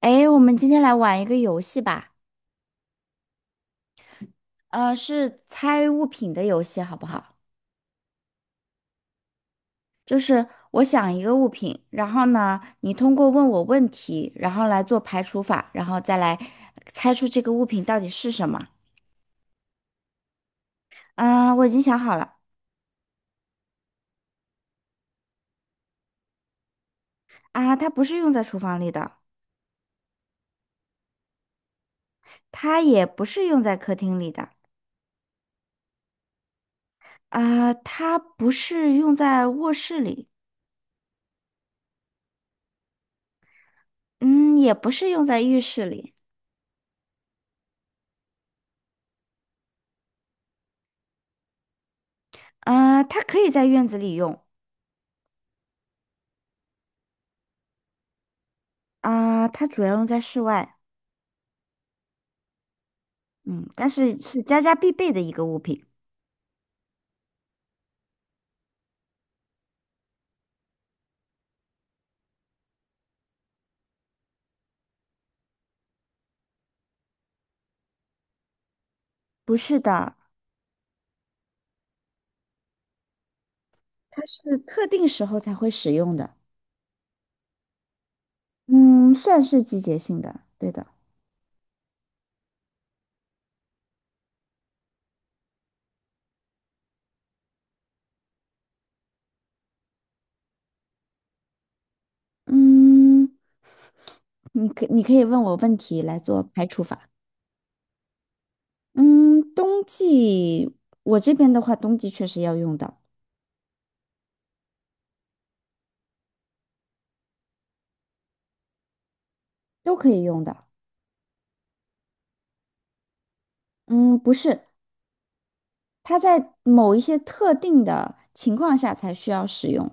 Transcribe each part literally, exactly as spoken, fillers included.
哎，我们今天来玩一个游戏吧，呃，是猜物品的游戏，好不好？就是我想一个物品，然后呢，你通过问我问题，然后来做排除法，然后再来猜出这个物品到底是什么。啊、我已经想好了，啊、它不是用在厨房里的，它也不是用在客厅里的，啊、它不是用在卧室里，嗯，也不是用在浴室里，啊、它可以在院子里用，啊、它主要用在室外。嗯，但是是家家必备的一个物品。不是的，它是特定时候才会使用的。嗯，算是季节性的，对的。嗯，你可你可以问我问题来做排除法。嗯，冬季我这边的话，冬季确实要用到，都可以用的。嗯，不是，它在某一些特定的情况下才需要使用。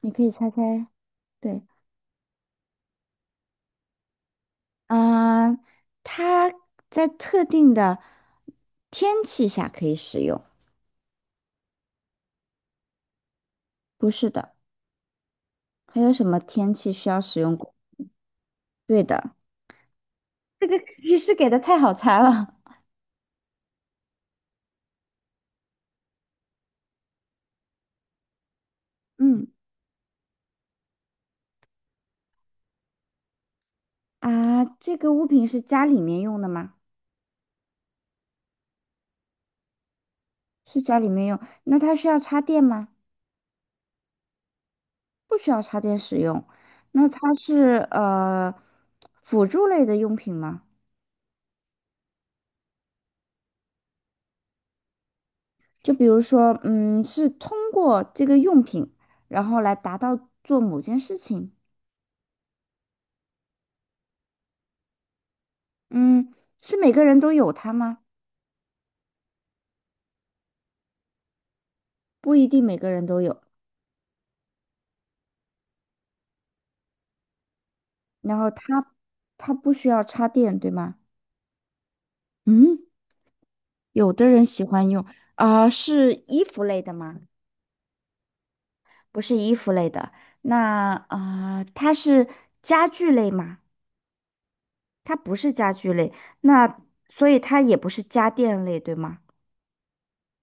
你可以猜猜，对，嗯、呃它在特定的天气下可以使用，不是的。还有什么天气需要使用过？对的，这个提示给的太好猜了。嗯啊，这个物品是家里面用的吗？是家里面用，那它需要插电吗？不需要插电使用。那它是呃辅助类的用品吗？就比如说，嗯，是通过这个用品，然后来达到做某件事情。嗯，是每个人都有它吗？不一定每个人都有。然后它它不需要插电，对吗？嗯，有的人喜欢用啊、是衣服类的吗？不是衣服类的。那啊、呃它是家具类吗？它不是家具类，那所以它也不是家电类，对吗？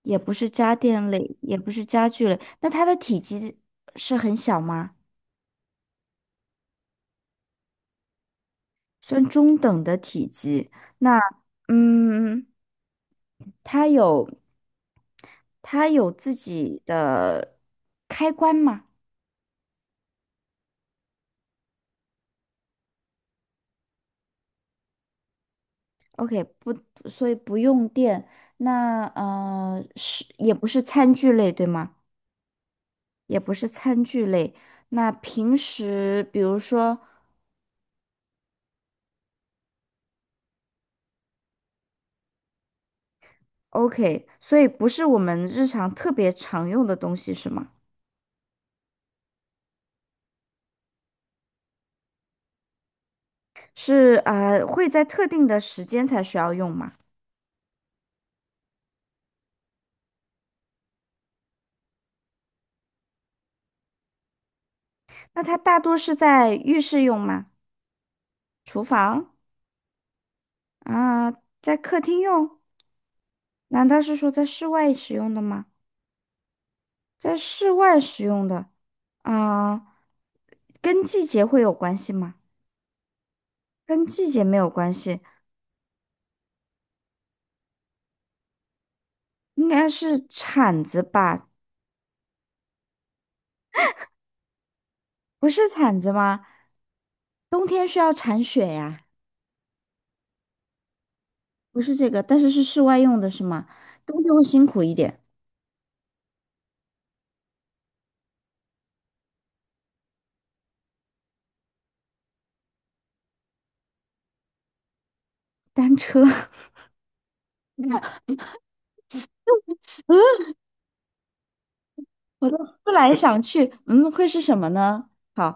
也不是家电类，也不是家具类。那它的体积是很小吗？算中等的体积。那嗯，它有。它有自己的开关吗？OK，不，所以不用电。那呃，是也不是餐具类，对吗？也不是餐具类。那平时比如说，OK，所以不是我们日常特别常用的东西是吗？是呃，会在特定的时间才需要用吗？那它大多是在浴室用吗？厨房啊，在客厅用？难道是说在室外使用的吗？在室外使用的，啊、跟季节会有关系吗？跟季节没有关系，应该是铲子吧？不是铲子吗？冬天需要铲雪呀，不是这个，但是是室外用的是吗？冬天会辛苦一点。单车，嗯，我都思来想去，嗯，会是什么呢？好，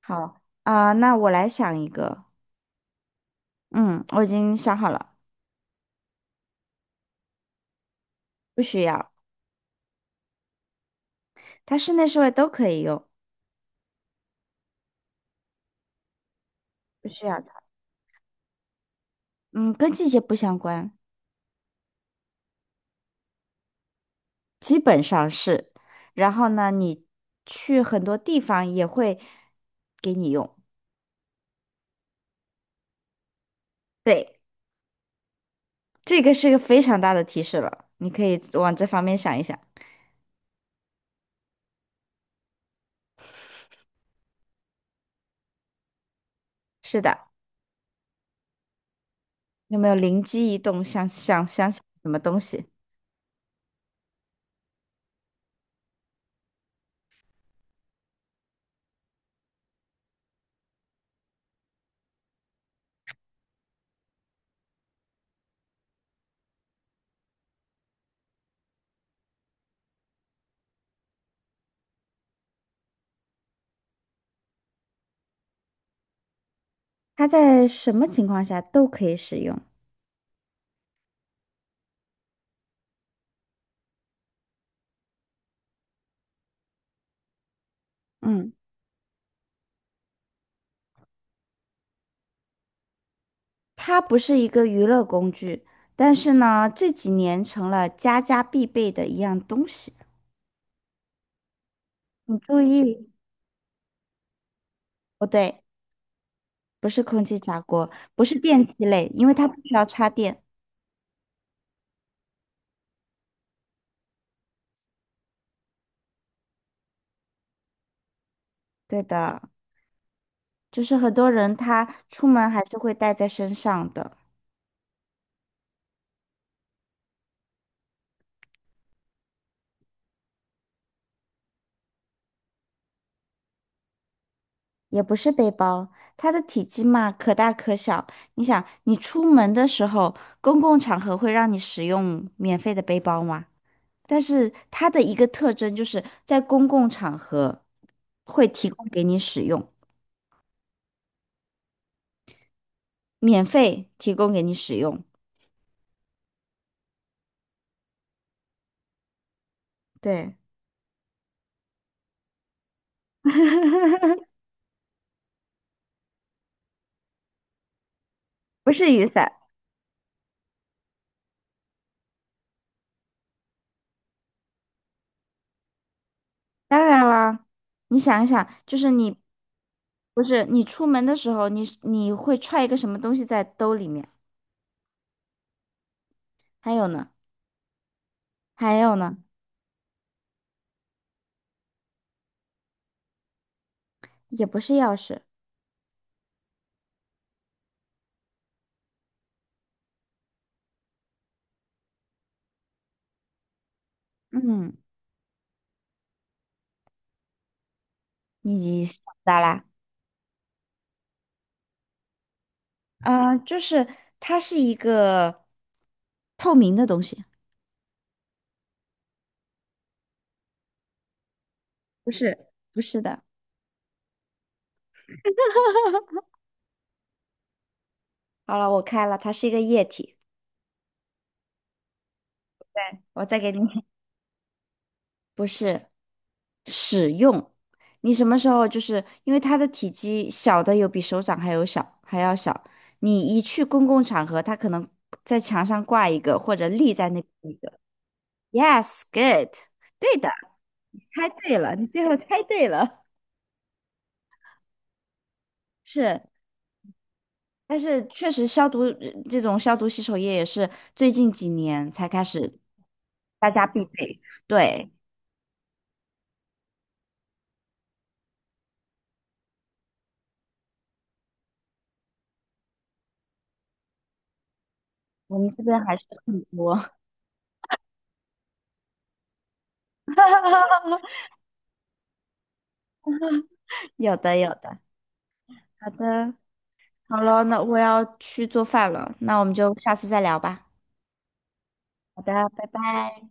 好啊、那我来想一个，嗯，我已经想好了，不需要，它室内室外都可以用，不需要。嗯，跟季节不相关，基本上是。然后呢，你去很多地方也会给你用。对，这个是个非常大的提示了，你可以往这方面想一想。是的，有没有灵机一动，想想想想什么东西？它在什么情况下都可以使用。嗯，它不是一个娱乐工具，但是呢，这几年成了家家必备的一样东西。你注意，不对。不是空气炸锅，不是电器类，因为它不需要插电。对的，就是很多人他出门还是会带在身上的，也不是背包，它的体积嘛可大可小。你想，你出门的时候，公共场合会让你使用免费的背包吗？但是它的一个特征就是在公共场合会提供给你使用，免费提供给你使用。对，不是雨伞，当然啦。你想一想，就是你不是，你出门的时候，你是你会揣一个什么东西在兜里面？还有呢？还有呢？也不是钥匙。嗯，你咋啦？啊、就是它是一个透明的东西。不是，不是的。好了，我开了，它是一个液体。我再给你，不是使用。你什么时候就是因为它的体积小的有比手掌还有小还要小，你一去公共场合，它可能在墙上挂一个或者立在那边一个。Yes, good，对的，你猜对了，你最后猜对了，是，但是确实消毒呃这种消毒洗手液也是最近几年才开始大家必备，对，我们这边还是很多，有的有的，好的，好了，那我要去做饭了，那我们就下次再聊吧，好的，拜拜。